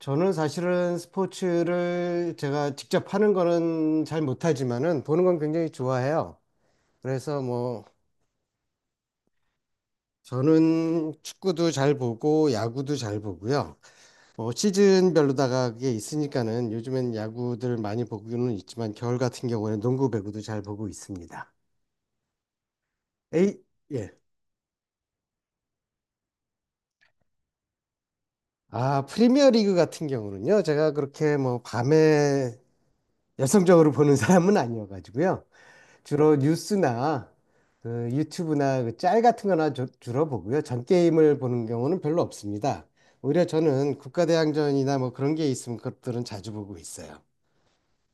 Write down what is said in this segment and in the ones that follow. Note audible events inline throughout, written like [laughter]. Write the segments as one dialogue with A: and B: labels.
A: 저는 사실은 스포츠를 제가 직접 하는 거는 잘 못하지만은 보는 건 굉장히 좋아해요. 그래서 뭐 저는 축구도 잘 보고 야구도 잘 보고요. 뭐 시즌별로다가 그게 있으니까는 요즘엔 야구들 많이 보고는 있지만 겨울 같은 경우에는 농구, 배구도 잘 보고 있습니다. 에이, 예. 아, 프리미어리그 같은 경우는요. 제가 그렇게 뭐 밤에 [laughs] 열성적으로 보는 사람은 아니어가지고요. 주로 뉴스나 그 유튜브나 그 짤 같은 거나 주로 보고요. 전 게임을 보는 경우는 별로 없습니다. 오히려 저는 국가대항전이나 뭐 그런 게 있으면 그것들은 자주 보고 있어요.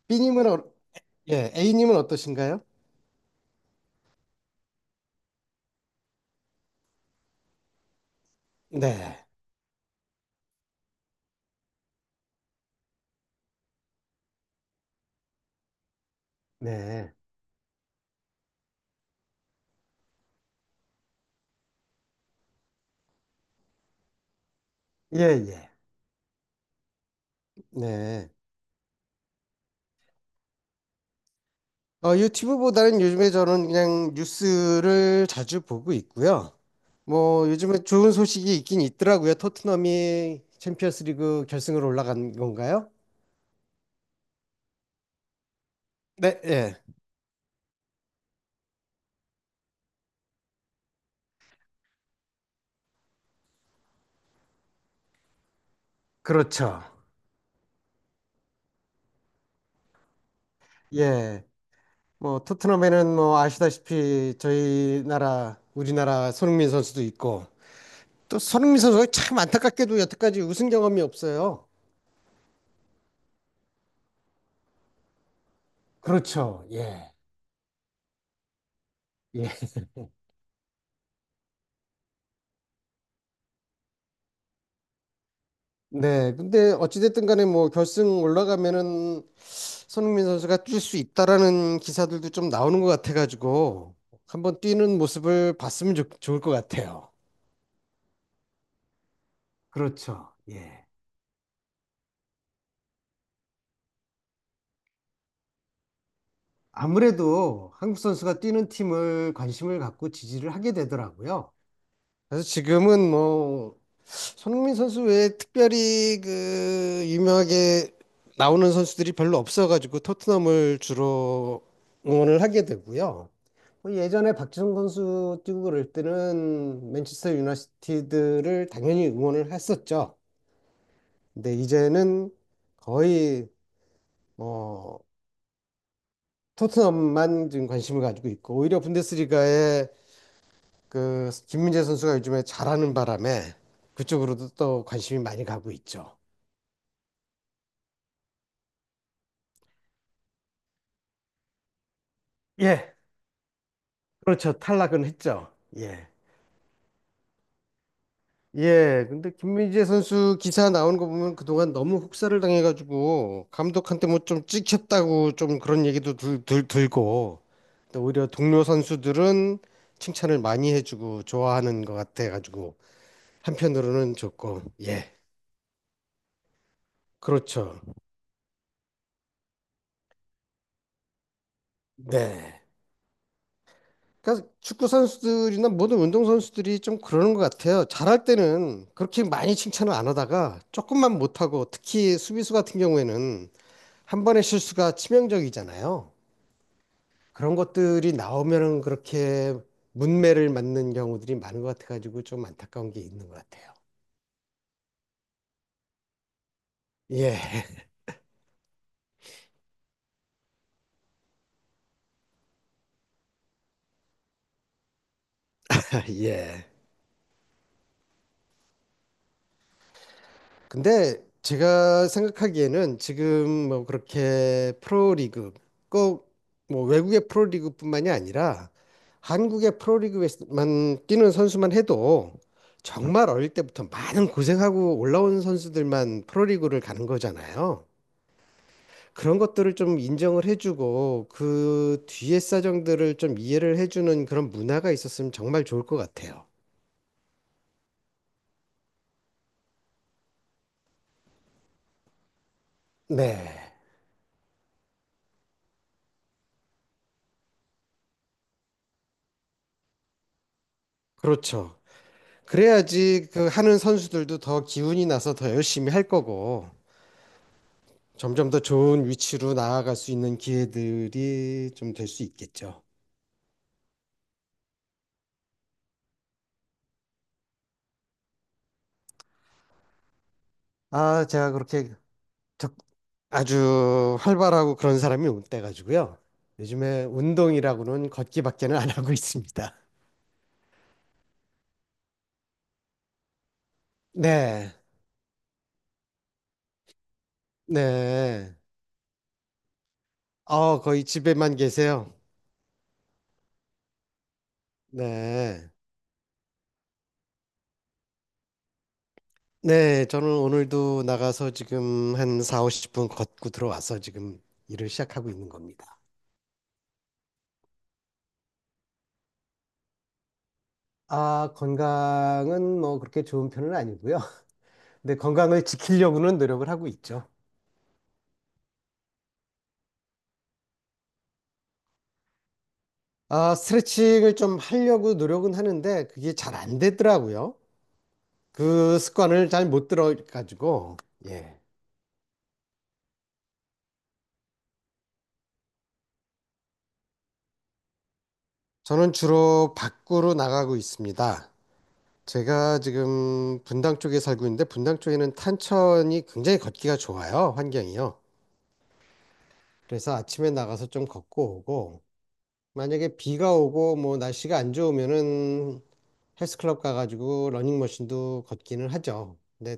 A: B님은, 예, A님은 어떠신가요? 네, 네, 예, 예, 네. 유튜브보다는 요즘에 저는 그냥 뉴스를 자주 보고 있고요. 뭐 요즘에 좋은 소식이 있긴 있더라고요. 토트넘이 챔피언스리그 결승으로 올라간 건가요? 네, 예. 그렇죠. 예. 뭐 토트넘에는 뭐 아시다시피 저희 나라 우리나라 손흥민 선수도 있고 또 손흥민 선수가 참 안타깝게도 여태까지 우승 경험이 없어요. 그렇죠. 예. 예. 네. 근데 어찌됐든 간에 뭐 결승 올라가면은 손흥민 선수가 뛸 수 있다라는 기사들도 좀 나오는 것 같아가지고 한번 뛰는 모습을 봤으면 좋을 것 같아요. 그렇죠. 예. 아무래도 한국 선수가 뛰는 팀을 관심을 갖고 지지를 하게 되더라고요. 그래서 지금은 뭐 손흥민 선수 외에 특별히 그 유명하게 나오는 선수들이 별로 없어가지고 토트넘을 주로 응원을 하게 되고요. 뭐 예전에 박지성 선수 뛰고 그럴 때는 맨체스터 유나이티드를 당연히 응원을 했었죠. 근데 이제는 거의 뭐 토트넘만 지금 관심을 가지고 있고 오히려 분데스리가에 그 김민재 선수가 요즘에 잘하는 바람에 그쪽으로도 또 관심이 많이 가고 있죠. 예. 그렇죠. 탈락은 했죠. 예. 예. 근데 김민재 선수 기사 나오는 거 보면 그동안 너무 혹사를 당해가지고 감독한테 뭐 좀 찍혔다고 좀 그런 얘기도 들고 또 오히려 동료 선수들은 칭찬을 많이 해주고 좋아하는 것 같아가지고 한편으로는 좋고 예. 그렇죠. 네. 그러니까 축구 선수들이나 모든 운동 선수들이 좀 그러는 것 같아요. 잘할 때는 그렇게 많이 칭찬을 안 하다가 조금만 못하고 특히 수비수 같은 경우에는 한 번의 실수가 치명적이잖아요. 그런 것들이 나오면은 그렇게 문매를 맞는 경우들이 많은 것 같아가지고 좀 안타까운 게 있는 것 같아요. 예, [laughs] 예. 근데 제가 생각하기에는 지금 뭐 그렇게 프로리그 꼭 뭐 외국의 프로리그뿐만이 아니라 한국의 프로리그에만 뛰는 선수만 해도 정말 어릴 때부터 많은 고생하고 올라온 선수들만 프로리그를 가는 거잖아요. 그런 것들을 좀 인정을 해주고 그 뒤에 사정들을 좀 이해를 해주는 그런 문화가 있었으면 정말 좋을 것 같아요. 네, 그렇죠. 그래야지 그 하는 선수들도 더 기운이 나서 더 열심히 할 거고 점점 더 좋은 위치로 나아갈 수 있는 기회들이 좀 될 수 있겠죠. 아, 제가 그렇게 적- 아주 활발하고 그런 사람이 못 돼가지고요. 요즘에 운동이라고는 걷기밖에는 안 하고 있습니다. 네, 네. 어, 거의 집에만 계세요. 네. 네, 저는 오늘도 나가서 지금 한 4, 50분 걷고 들어와서 지금 일을 시작하고 있는 겁니다. 아, 건강은 뭐 그렇게 좋은 편은 아니고요. [laughs] 근데 건강을 지키려고는 노력을 하고 있죠. 아, 스트레칭을 좀 하려고 노력은 하는데 그게 잘 안 되더라고요. 그 습관을 잘 못 들어가지고, 예. 저는 주로 밖으로 나가고 있습니다. 제가 지금 분당 쪽에 살고 있는데 분당 쪽에는 탄천이 굉장히 걷기가 좋아요, 환경이요. 그래서 아침에 나가서 좀 걷고 오고 만약에 비가 오고 뭐 날씨가 안 좋으면은 헬스클럽 가가지고 러닝머신도 걷기는 하죠. 근데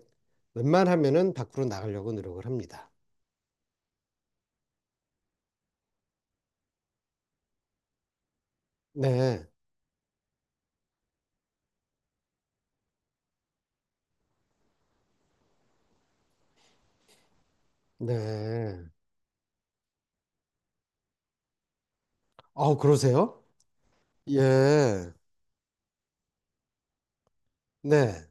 A: 웬만하면은 밖으로 나가려고 노력을 합니다. 네, 네. 아, 그러세요? 예, 네,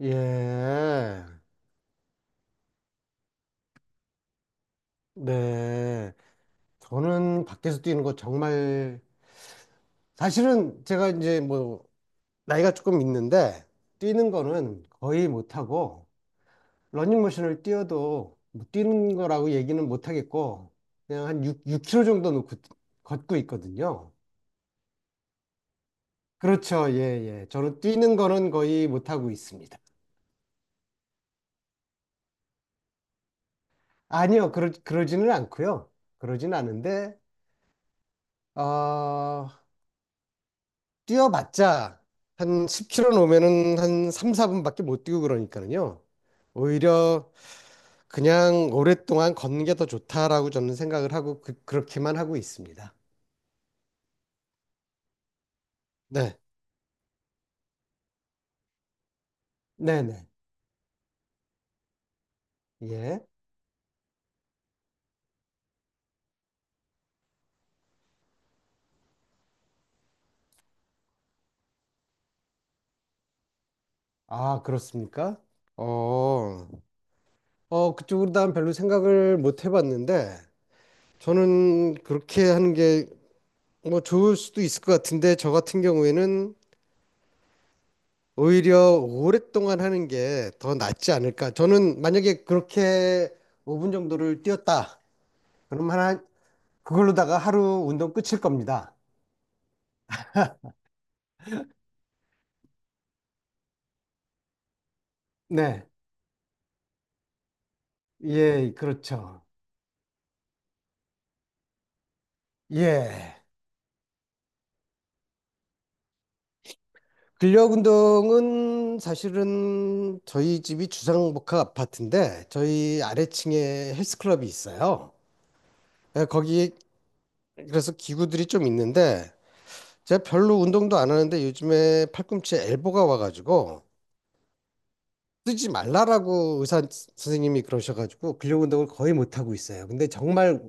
A: 예, 네. 저는 밖에서 뛰는 거 정말 사실은 제가 이제 뭐 나이가 조금 있는데 뛰는 거는 거의 못하고 러닝머신을 뛰어도 뭐 뛰는 거라고 얘기는 못 하겠고 그냥 한 6, k m 정도 놓고 걷고 있거든요. 그렇죠. 예, 예. 저는 뛰는 거는 거의 못 하고 있습니다. 아니요. 그러지는 않고요. 그러진 않은데 어, 뛰어봤자 한 10km 놓으면은 한 3, 4분밖에 못 뛰고 그러니까요. 오히려 그냥 오랫동안 걷는 게 더 좋다라고 저는 생각을 하고 그렇게만 하고 있습니다. 네. 네네. 예. 아, 그렇습니까? 어, 어, 그쪽으로 난 별로 생각을 못 해봤는데, 저는 그렇게 하는 게 뭐 좋을 수도 있을 것 같은데, 저 같은 경우에는 오히려 오랫동안 하는 게 더 낫지 않을까. 저는 만약에 그렇게 5분 정도를 뛰었다. 그럼 하나, 그걸로다가 하루 운동 끝일 겁니다. 네. 예, 그렇죠. 예. 근력 운동은 사실은 저희 집이 주상복합 아파트인데 저희 아래층에 헬스클럽이 있어요. 예, 거기 그래서 기구들이 좀 있는데 제가 별로 운동도 안 하는데 요즘에 팔꿈치에 엘보가 와가지고 쓰지 말라라고 의사 선생님이 그러셔가지고 근력 운동을 거의 못 하고 있어요. 근데 정말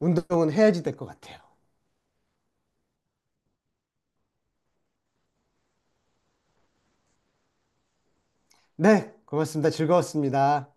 A: 운동은 해야지 될 것 같아요. 네, 고맙습니다. 즐거웠습니다.